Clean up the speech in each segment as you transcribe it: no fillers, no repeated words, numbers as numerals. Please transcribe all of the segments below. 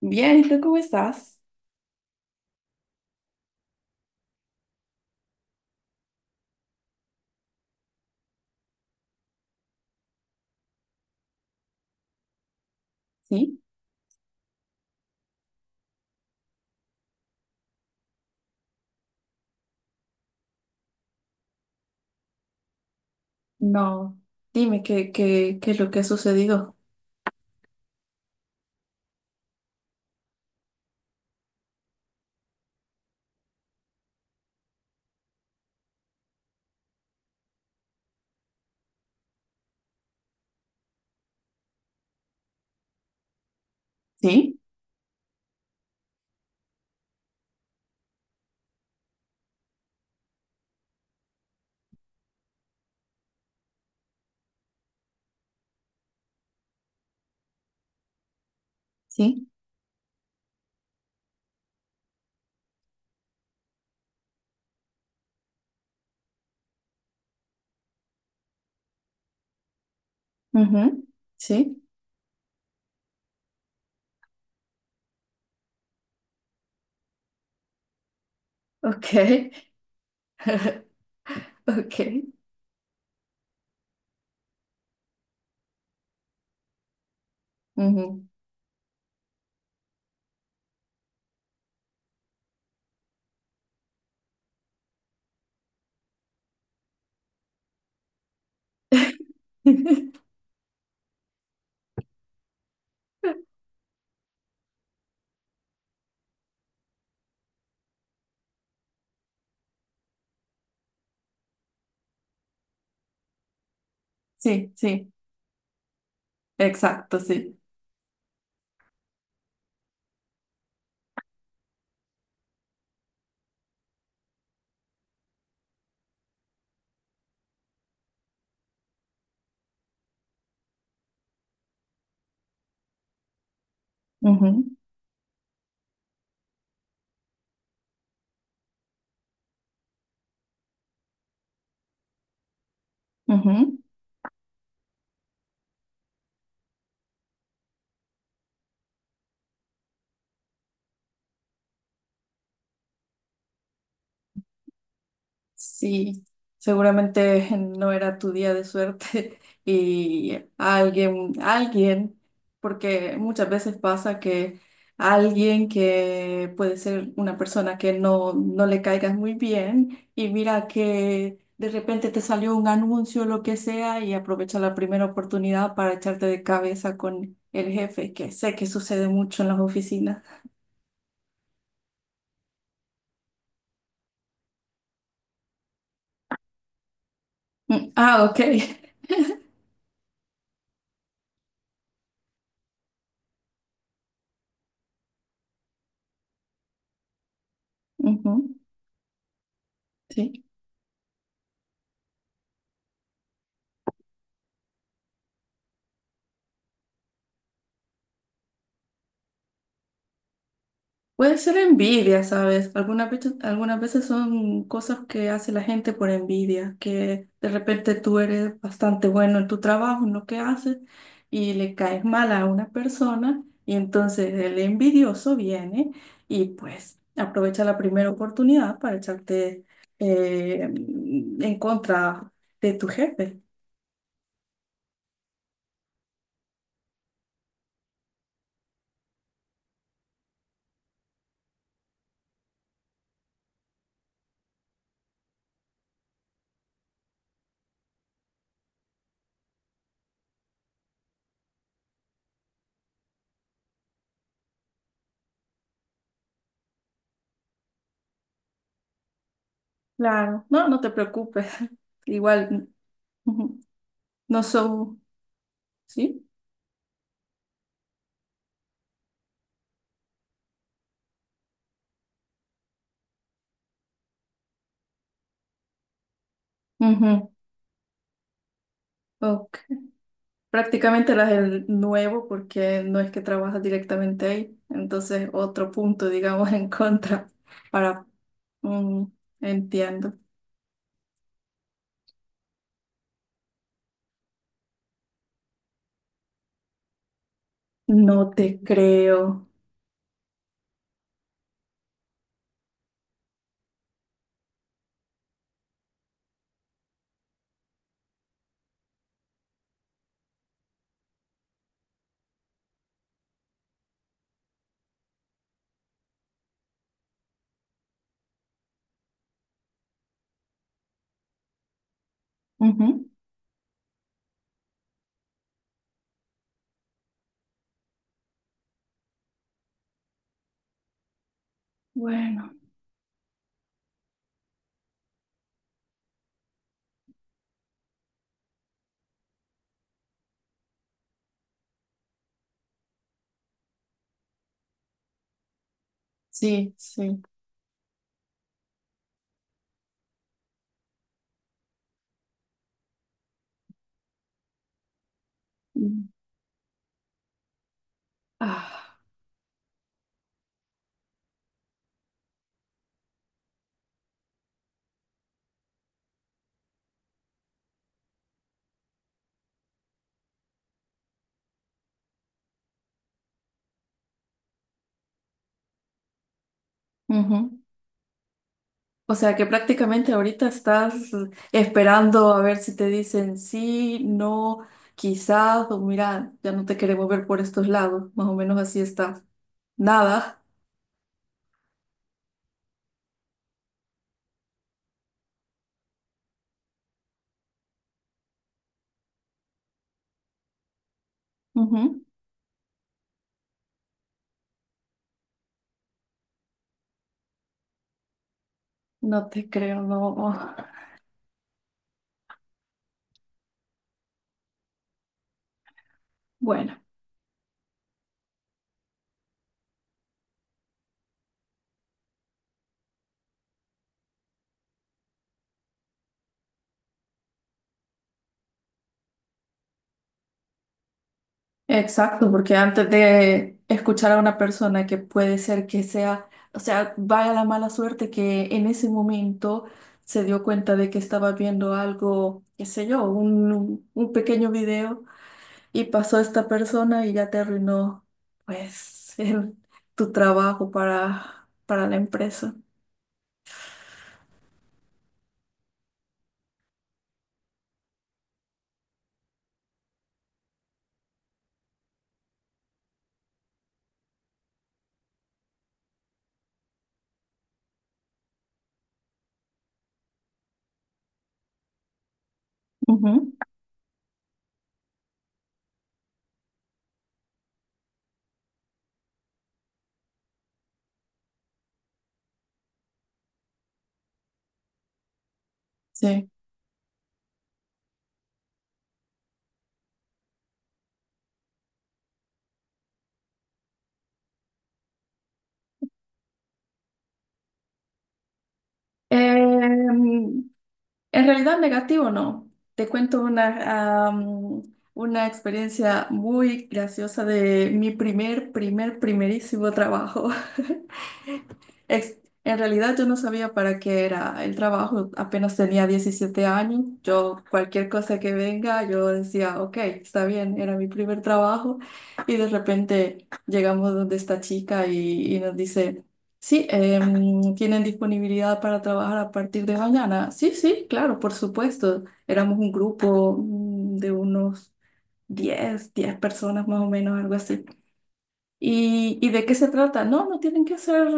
Bien, ¿y tú cómo estás? Sí, no, dime qué es lo que ha sucedido. Sí, sí, ujú, sí, ok, ok, ujú. Sí, sí, exacto, sí. Ujú, ujú. Sí, seguramente no era tu día de suerte y alguien, porque muchas veces pasa que alguien, que puede ser una persona que no le caigas muy bien, y mira que de repente te salió un anuncio o lo que sea y aprovecha la primera oportunidad para echarte de cabeza con el jefe, que sé que sucede mucho en las oficinas. Mm, ah, ok. Ujú, sí. Puede ser envidia, ¿sabes? Algunas veces son cosas que hace la gente por envidia, que de repente tú eres bastante bueno en tu trabajo, en lo que haces, y le caes mal a una persona, y entonces el envidioso viene y pues aprovecha la primera oportunidad para echarte, en contra de tu jefe. Claro, no, no te preocupes. Igual, ujú, no son, ¿sí? Ujú, ok. Prácticamente las del nuevo, porque no es que trabajas directamente ahí. Entonces, otro punto, digamos, en contra para... mm, entiendo. No te creo. Ujú. Bueno, sí, sí. Mm. Ah, ujú. O sea que prácticamente ahorita estás esperando a ver si te dicen sí, no, quizás, o mira, ya no te queremos ver por estos lados. Más o menos así está. Nada. Ujú. No te creo, no. Bueno, exacto, porque antes de escuchar a una persona que puede ser que sea, o sea, vaya la mala suerte que en ese momento se dio cuenta de que estaba viendo algo, qué sé yo, un pequeño video, y pasó esta persona y ya te arruinó, pues, tu trabajo para la empresa. Ujú, sí. Em, En realidad negativo no. Te cuento una experiencia muy graciosa de mi primerísimo trabajo. Ex- En realidad yo no sabía para qué era el trabajo, apenas tenía 17 años, yo cualquier cosa que venga, yo decía, ok, está bien, era mi primer trabajo, y de repente llegamos donde esta chica y nos dice, sí, ¿tienen disponibilidad para trabajar a partir de mañana? Sí, sí, claro, por supuesto. Éramos un grupo de unos diez personas más o menos, algo así. ¿Y de qué se trata? No, no tienen que hacer,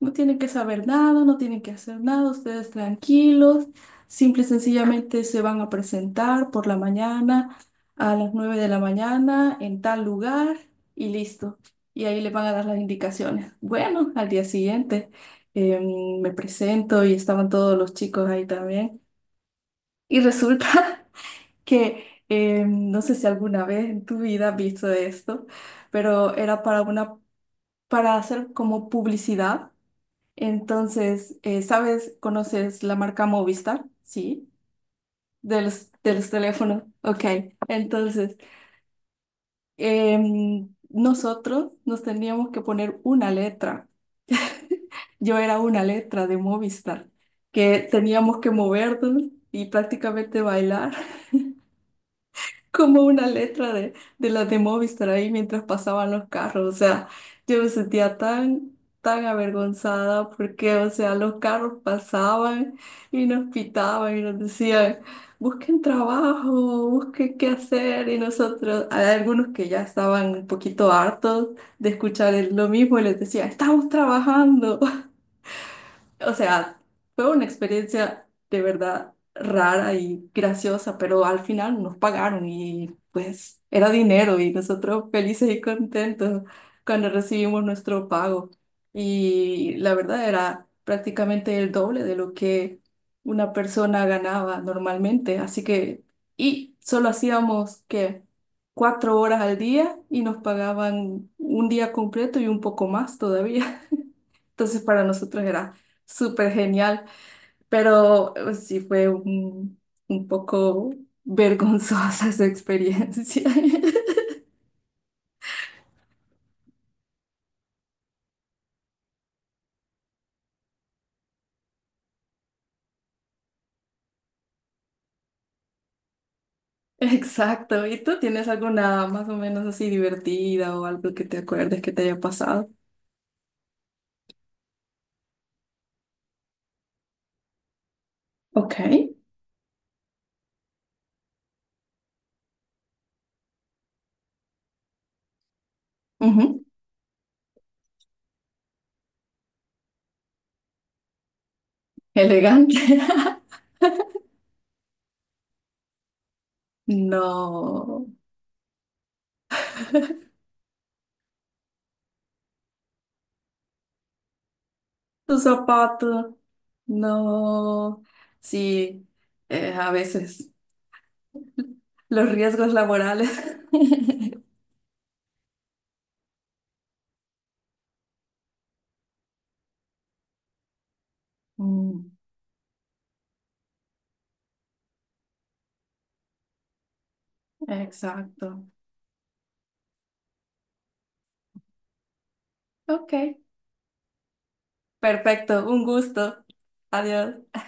no tienen que saber nada, no tienen que hacer nada, ustedes tranquilos, simple y sencillamente se van a presentar por la mañana, a las 9 de la mañana, en tal lugar y listo. Y ahí les van a dar las indicaciones. Bueno, al día siguiente me presento y estaban todos los chicos ahí también. Y resulta que no sé si alguna vez en tu vida has visto esto, pero era para una para hacer como publicidad. Entonces, ¿sabes? ¿Conoces la marca Movistar? Sí, de los teléfonos. Ok, entonces, nosotros nos teníamos que poner una letra. Yo era una letra de Movistar, que teníamos que movernos y prácticamente bailar, como una letra de las de Movistar ahí, mientras pasaban los carros. O sea, yo me sentía tan, tan avergonzada, porque, o sea, los carros pasaban y nos pitaban y nos decían, busquen trabajo, busquen qué hacer. Y nosotros, hay algunos que ya estaban un poquito hartos de escuchar lo mismo, y les decía, estamos trabajando. O sea, fue una experiencia de verdad rara y graciosa, pero al final nos pagaron y pues era dinero y nosotros felices y contentos cuando recibimos nuestro pago. Y la verdad era prácticamente el doble de lo que una persona ganaba normalmente. Así que, y solo hacíamos que 4 horas al día y nos pagaban un día completo y un poco más todavía. Entonces para nosotros era súper genial, pero sí fue un, poco vergonzosa esa experiencia. Exacto. ¿Y tú tienes alguna más o menos así divertida o algo que te acuerdes que te haya pasado? Ok. Ujú. Elegante. No. Tu zapato. No. Sí. A veces los riesgos laborales. Mm, exacto. Ok. Perfecto, un gusto. Adiós.